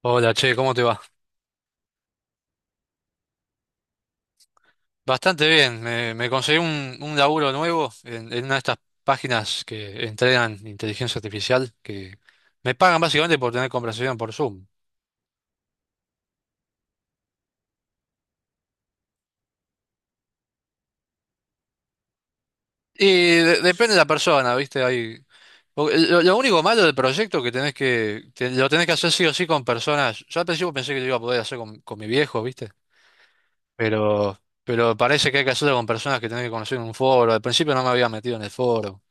Hola, che, ¿cómo te va? Bastante bien, me conseguí un laburo nuevo en una de estas páginas que entrenan inteligencia artificial, que me pagan básicamente por tener conversación por Zoom. Y depende de la persona, ¿viste? Lo único malo del proyecto que tenés lo tenés que hacer sí o sí con personas. Yo al principio pensé que lo iba a poder hacer con mi viejo, ¿viste? Pero, pero parece que hay que hacerlo con personas que tenés que conocer en un foro. Al principio no me había metido en el foro.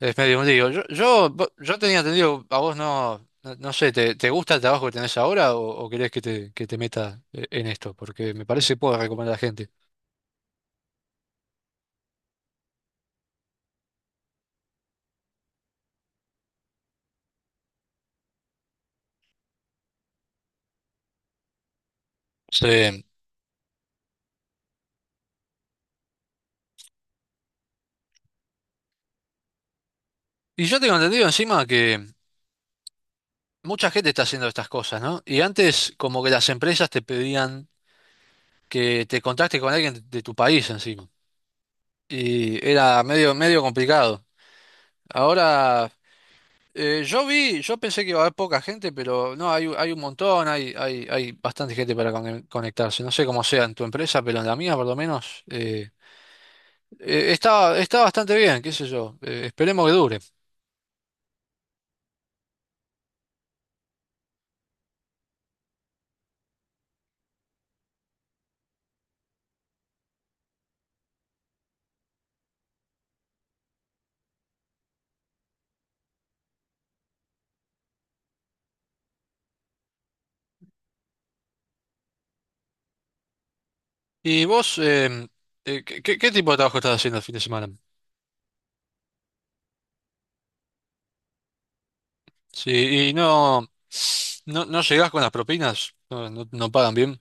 Es medio un lío. Yo tenía entendido, a vos no sé, ¿te gusta el trabajo que tenés ahora o querés que te meta en esto? Porque me parece que puedo recomendar a la gente. Sí. Y yo tengo entendido encima que mucha gente está haciendo estas cosas, ¿no? Y antes como que las empresas te pedían que te contactes con alguien de tu país encima. Y era medio, medio complicado. Ahora. Yo pensé que iba a haber poca gente, pero no, hay un montón, hay bastante gente para conectarse. No sé cómo sea en tu empresa, pero en la mía por lo menos está bastante bien, qué sé yo. Esperemos que dure. ¿Y vos, qué tipo de trabajo estás haciendo el fin de semana? Sí, y no llegás con las propinas, no pagan bien.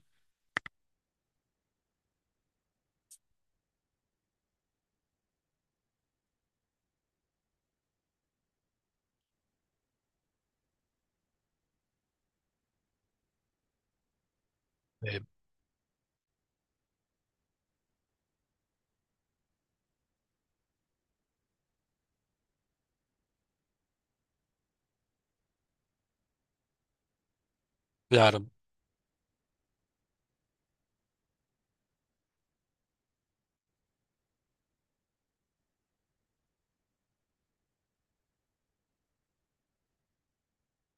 Eh, claro.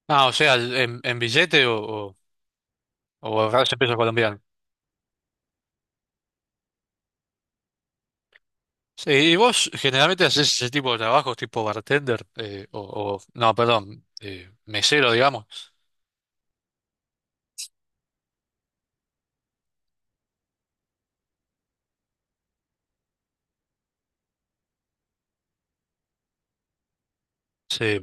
Ah, o sea, en billete o, o ahorrarse pesos colombianos. Sí, ¿y vos generalmente haces ese tipo de trabajos tipo bartender? No, perdón, mesero, digamos. Sí.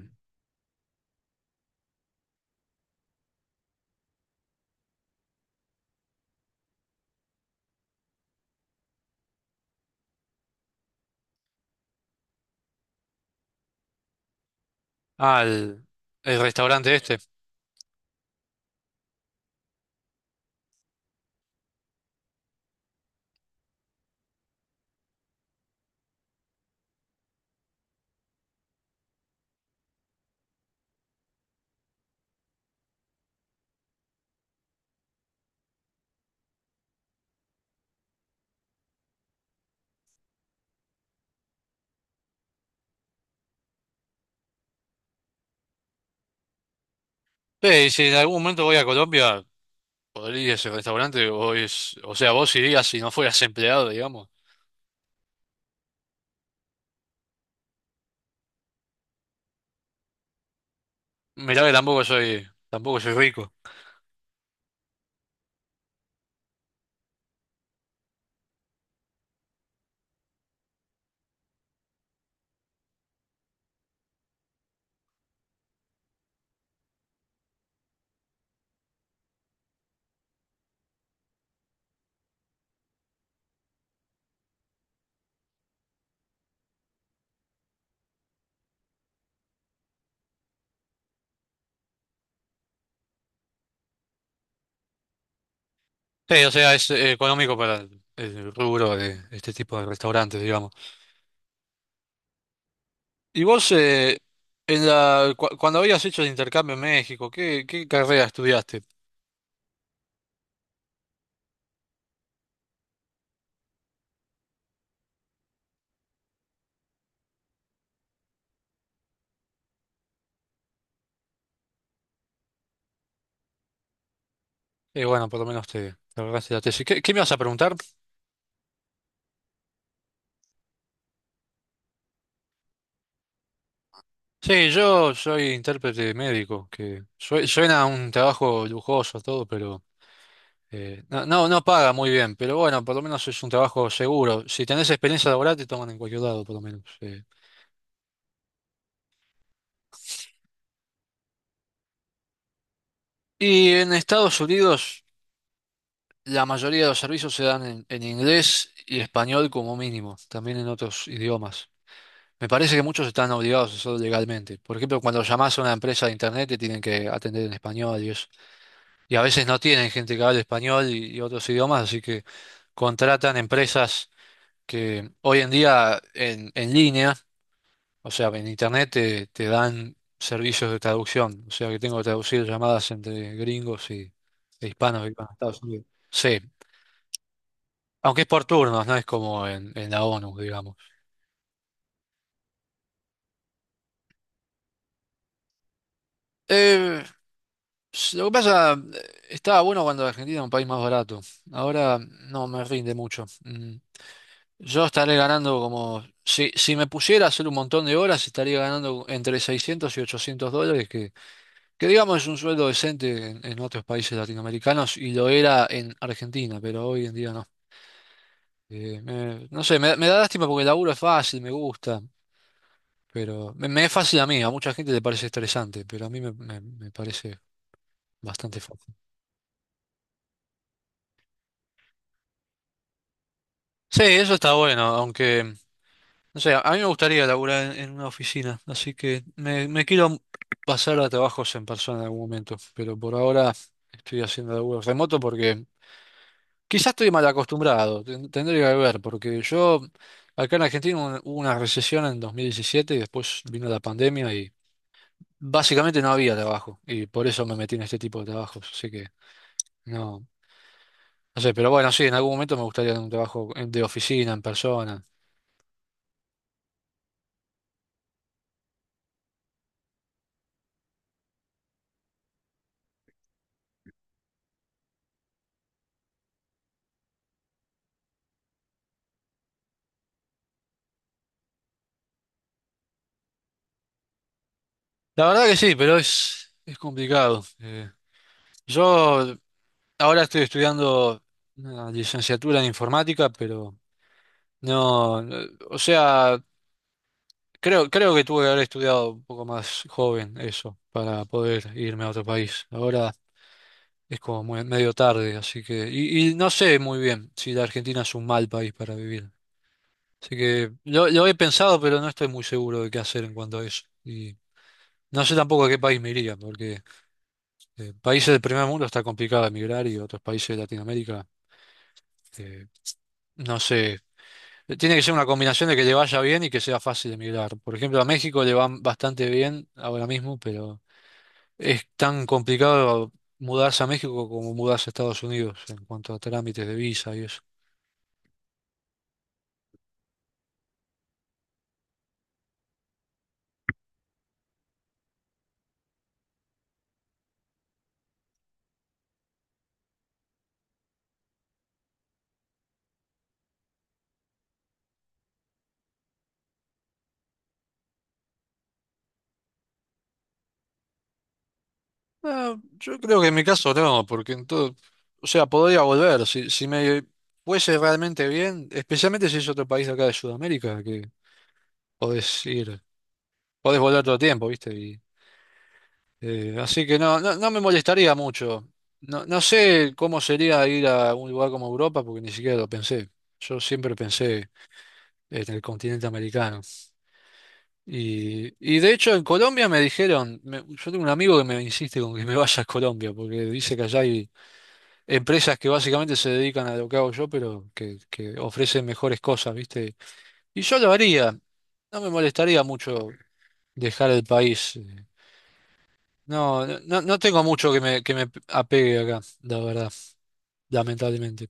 Al el restaurante este. Sí, si en algún momento voy a Colombia, podría ir a ese restaurante. O sea, vos irías si no fueras empleado, digamos. Mirá que tampoco soy, tampoco soy rico. Sí, o sea, es económico para el rubro de este tipo de restaurantes, digamos. ¿Y vos, cuando habías hecho el intercambio en México, qué carrera estudiaste? Y bueno, por lo menos te, te ahorraste la tesis. ¿Qué me vas a preguntar? Sí, yo soy intérprete médico, que suena a un trabajo lujoso todo, pero no paga muy bien, pero bueno, por lo menos es un trabajo seguro. Si tenés experiencia laboral, te toman en cualquier lado, por lo menos. Y en Estados Unidos, la mayoría de los servicios se dan en inglés y español como mínimo, también en otros idiomas. Me parece que muchos están obligados a hacerlo legalmente. Por ejemplo, cuando llamás a una empresa de internet, te tienen que atender en español y eso. Y a veces no tienen gente que hable español y otros idiomas, así que contratan empresas que hoy en día en línea, o sea, en internet te, te dan servicios de traducción, o sea que tengo que traducir llamadas entre gringos e hispanos que van a Estados Unidos. Sí, aunque es por turnos, no es como en la ONU, digamos. Eh, lo que pasa, estaba bueno cuando Argentina era un país más barato, ahora no me rinde mucho. Mm. Yo estaré ganando como, si me pusiera a hacer un montón de horas, estaría ganando entre 600 y 800 dólares, que digamos es un sueldo decente en otros países latinoamericanos y lo era en Argentina, pero hoy en día no. No sé, me da lástima porque el laburo es fácil, me gusta, pero me es fácil a mí, a mucha gente le parece estresante, pero a mí me parece bastante fácil. Sí, eso está bueno, aunque. No sé, a mí me gustaría laburar en una oficina, así que me quiero pasar a trabajos en persona en algún momento, pero por ahora estoy haciendo laburo remoto porque quizás estoy mal acostumbrado, tendría que ver, porque yo acá en Argentina hubo una recesión en 2017 y después vino la pandemia y básicamente no había trabajo y por eso me metí en este tipo de trabajos, así que no, no sé, pero bueno, sí, en algún momento me gustaría un trabajo de oficina, en persona. La verdad que sí, pero es complicado. Yo Ahora estoy estudiando una licenciatura en informática, pero no, no, o sea, creo que tuve que haber estudiado un poco más joven eso para poder irme a otro país. Ahora es como medio tarde, así que, y no sé muy bien si la Argentina es un mal país para vivir. Así que lo he pensado, pero no estoy muy seguro de qué hacer en cuanto a eso. Y no sé tampoco a qué país me iría, porque países del primer mundo está complicado emigrar y otros países de Latinoamérica, eh, no sé. Tiene que ser una combinación de que le vaya bien y que sea fácil emigrar. Por ejemplo, a México le va bastante bien ahora mismo, pero es tan complicado mudarse a México como mudarse a Estados Unidos en cuanto a trámites de visa y eso. No, yo creo que en mi caso no, porque en todo, o sea, podría volver. Si me fuese realmente bien, especialmente si es otro país de acá de Sudamérica, que podés ir, podés volver todo el tiempo, ¿viste? Así que no me molestaría mucho. No, no sé cómo sería ir a un lugar como Europa, porque ni siquiera lo pensé. Yo siempre pensé en el continente americano. Y de hecho en Colombia me dijeron, yo tengo un amigo que me insiste con que me vaya a Colombia, porque dice que allá hay empresas que básicamente se dedican a lo que hago yo, pero que ofrecen mejores cosas, ¿viste? Y yo lo haría, no me molestaría mucho dejar el país. No tengo mucho que me apegue acá, la verdad. Lamentablemente.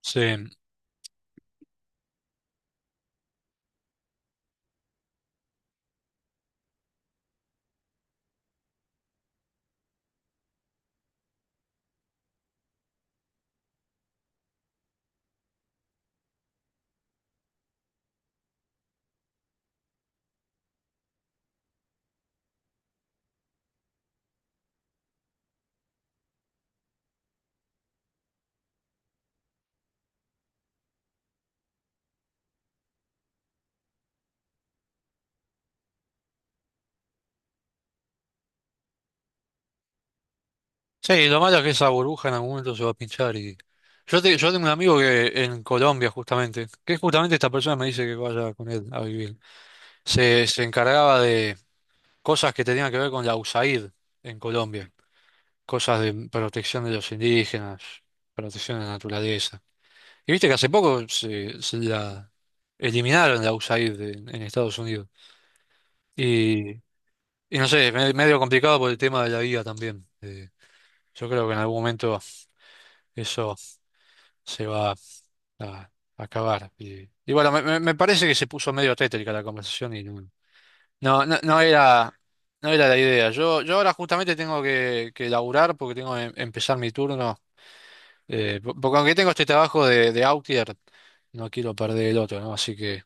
Sí. Sí, lo malo es que esa burbuja en algún momento se va a pinchar. Y... Yo tengo un amigo que en Colombia justamente, que justamente esta persona me dice que vaya con él a vivir, se encargaba de cosas que tenían que ver con la USAID en Colombia, cosas de protección de los indígenas, protección de la naturaleza. Y viste que hace poco se la eliminaron la USAID en Estados Unidos. Y, y no sé, medio complicado por el tema de la vida también. Yo creo que en algún momento eso se va a acabar. Y bueno, me parece que se puso medio tétrica la conversación y no, no, no era, no era la idea. Yo ahora justamente tengo que laburar porque tengo que empezar mi turno. Porque aunque tengo este trabajo de outlier, no quiero perder el otro, ¿no? Así que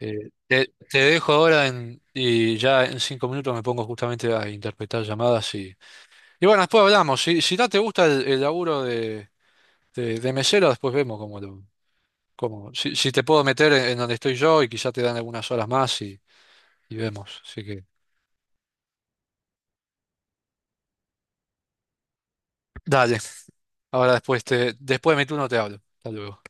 te, te dejo ahora y ya en 5 minutos me pongo justamente a interpretar llamadas y bueno, después hablamos. Si no te gusta el laburo de mesero, después vemos como si te puedo meter en donde estoy yo y quizá te dan algunas horas más y vemos. Así que dale. Ahora después de mi turno te hablo. Hasta luego.